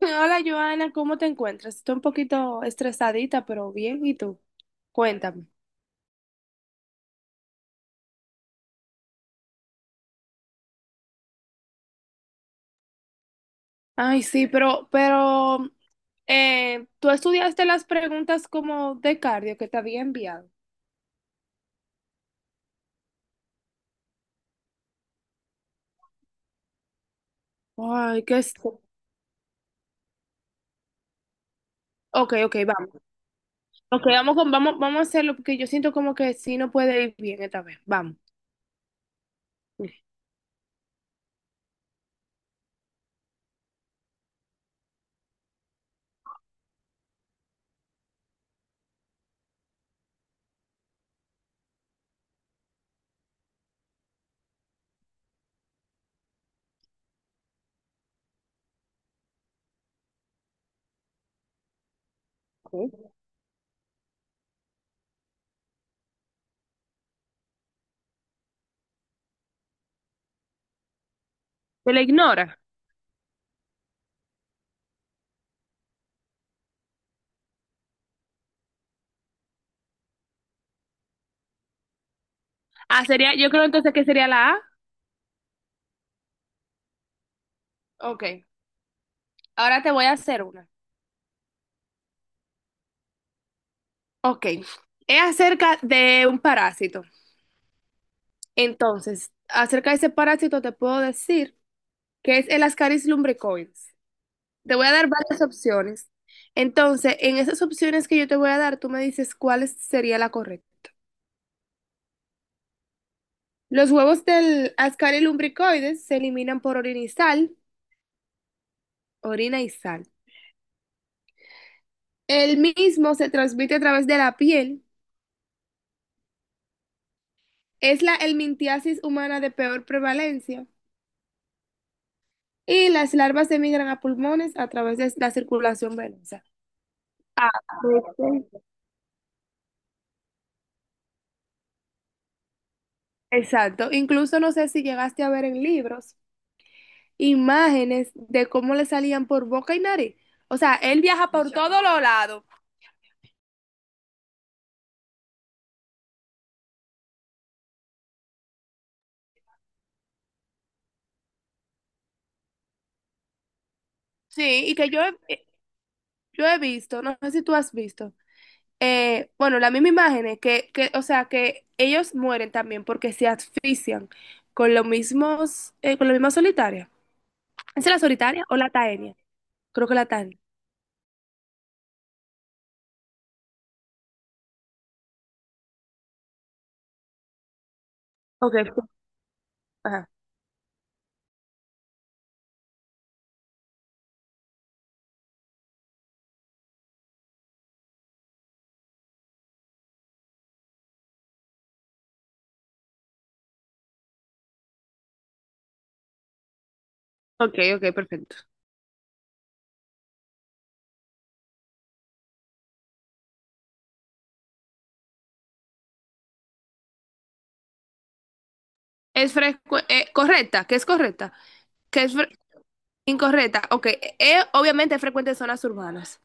Hola Joana, ¿cómo te encuentras? Estoy un poquito estresadita, pero bien. ¿Y tú? Cuéntame. Ay, sí, pero ¿tú estudiaste las preguntas como de cardio que te había enviado? Ay, qué es. Ok, ok, vamos. Ok, vamos a hacerlo porque yo siento como que sí no puede ir bien esta vez. Vamos. Ok. ¿Te la ignora? Ah, sería, yo creo entonces que sería la A. Ok, ahora te voy a hacer una. Ok, es acerca de un parásito. Entonces, acerca de ese parásito te puedo decir que es el Ascaris lumbricoides. Te voy a dar varias opciones. Entonces, en esas opciones que yo te voy a dar, tú me dices sería la correcta. Los huevos del Ascaris lumbricoides se eliminan por orina y sal, orina y sal. El mismo se transmite a través de la piel. Es la helmintiasis humana de peor prevalencia. Y las larvas emigran a pulmones a través de la circulación venosa. Ah, exacto. Incluso no sé si llegaste a ver en libros imágenes de cómo le salían por boca y nariz. O sea, él viaja por muchas todos los lados. Sí, y que yo he visto, no sé si tú has visto, bueno, la misma imagen es que, o sea, que ellos mueren también porque se asfixian con los mismos, con la misma solitaria. ¿Es la solitaria o la taenia? Creo que la taenia. Ok, ajá. Ok, ok, perfecto. Correcta, que es correcta, que es fre- incorrecta. Ok, obviamente es frecuente en zonas urbanas.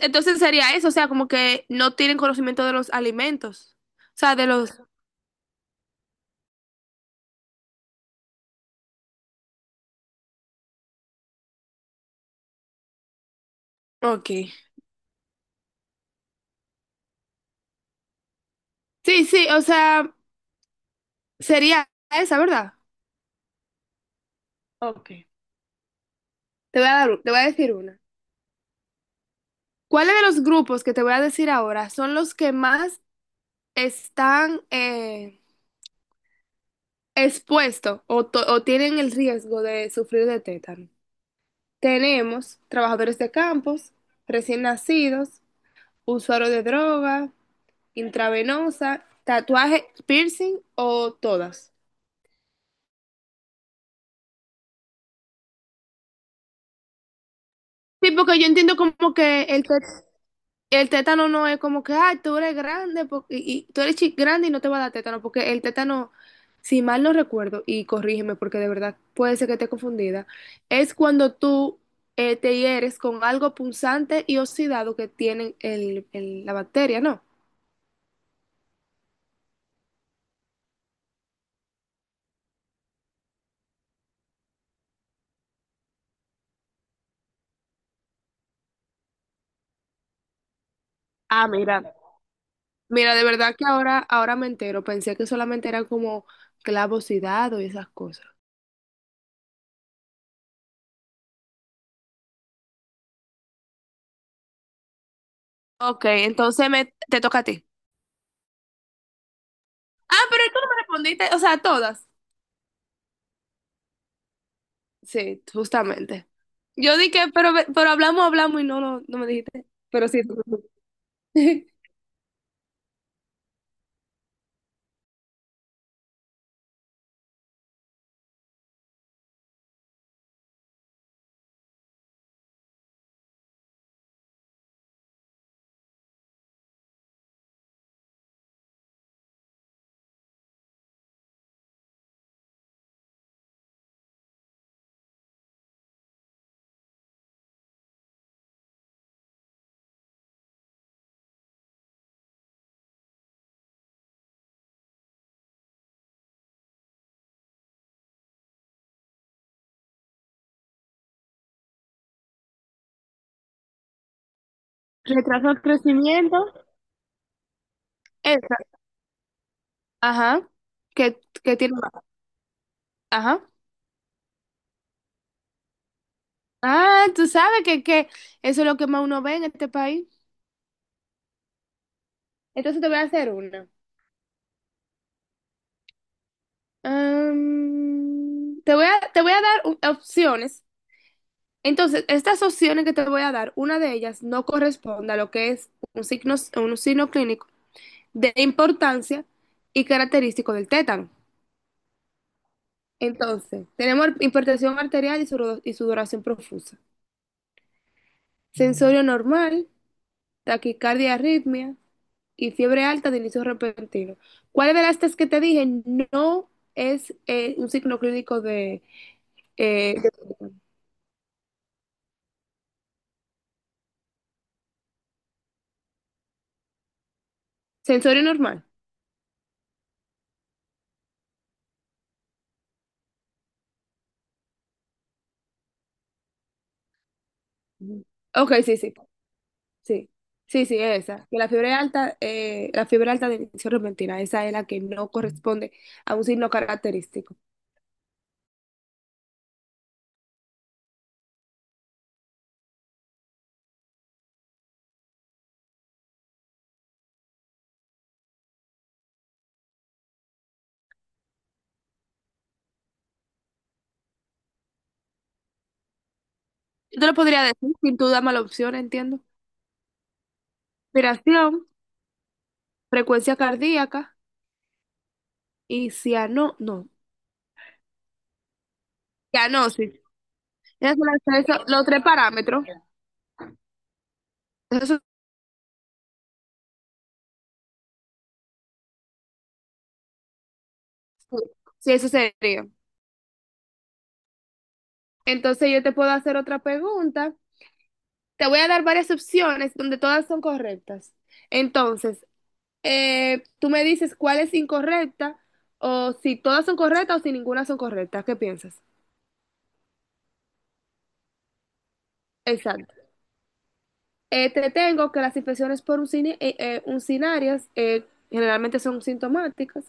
Entonces sería eso, o sea, como que no tienen conocimiento de los alimentos. O sea, de los… Ok. Sí, sí, o sea, sería esa, ¿verdad? Ok. Te voy a decir una. ¿Cuáles de los grupos que te voy a decir ahora son los que más están expuestos o tienen el riesgo de sufrir de tétano? Tenemos trabajadores de campos, recién nacidos, usuarios de droga, intravenosa, tatuaje, piercing o todas. Sí, porque yo entiendo como que el tétano no es como que, ay, tú eres grande po- y, grande y no te va a dar tétano, porque el tétano, si mal no recuerdo, y corrígeme porque de verdad puede ser que esté confundida, es cuando tú te hieres con algo punzante y oxidado que tiene la bacteria, ¿no? Ah, mira. Mira, de verdad que ahora, ahora me entero. Pensé que solamente era como clavos y dados y esas cosas. Ok, entonces te toca a ti. Ah, pero tú no me respondiste, o sea, todas. Sí, justamente. Yo dije, pero hablamos, hablamos y no me dijiste. Pero sí. Tú. Retraso de crecimiento. Esa. Ajá. Que tiene más. Ajá. Ah, tú sabes que eso es lo que más uno ve en este país. Entonces te voy a hacer una. Am, te voy a dar opciones. Entonces, estas opciones que te voy a dar, una de ellas no corresponde a lo que es un signo clínico de importancia y característico del tétano. Entonces, tenemos hipertensión arterial y sudoración profusa, sensorio normal, taquicardia, arritmia y fiebre alta de inicio repentino. ¿Cuál de las tres que te dije no es un signo clínico de sensorio normal? Ujú. Ok, sí, sí, sí. Sí, sí, esa. Que la fiebre alta de inicio repentina, esa es la que no corresponde a un signo característico. Yo te lo podría decir sin tú darme la opción, entiendo. Respiración, frecuencia cardíaca y ciano, no, cianosis. Esos son las tres- Los tres parámetros. Eso, sí, eso sería. Entonces yo te puedo hacer otra pregunta. Te voy a dar varias opciones donde todas son correctas. Entonces, tú me dices cuál es incorrecta o si todas son correctas o si ninguna son correctas. ¿Qué piensas? Exacto. Te tengo que las infecciones por uncinarias generalmente son sintomáticas,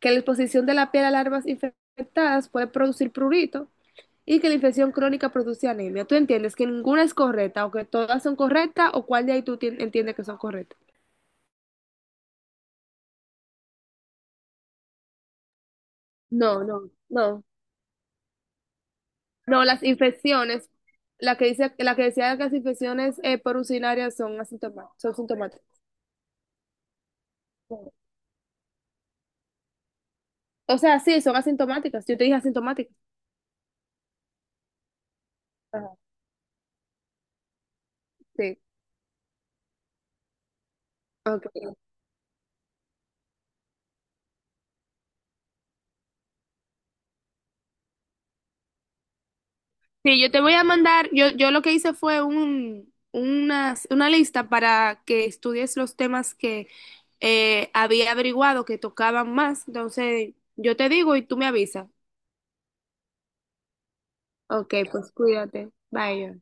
que la exposición de la piel a larvas infectadas puede producir prurito y que la infección crónica produce anemia. ¿Tú entiendes que ninguna es correcta o que todas son correctas o cuál de ahí entiendes que son correctas? No, no, no. No, las infecciones, la que dice, la que decía que las infecciones por urinaria son asintomáticas, son sintomáticas. O sea, sí, son asintomáticas. Yo te dije asintomáticas. Ajá. Sí, ok. Sí, yo te voy a mandar, yo lo que hice fue una lista para que estudies los temas que había averiguado que tocaban más. Entonces, yo te digo y tú me avisas. Ok, pues cuídate. Bye.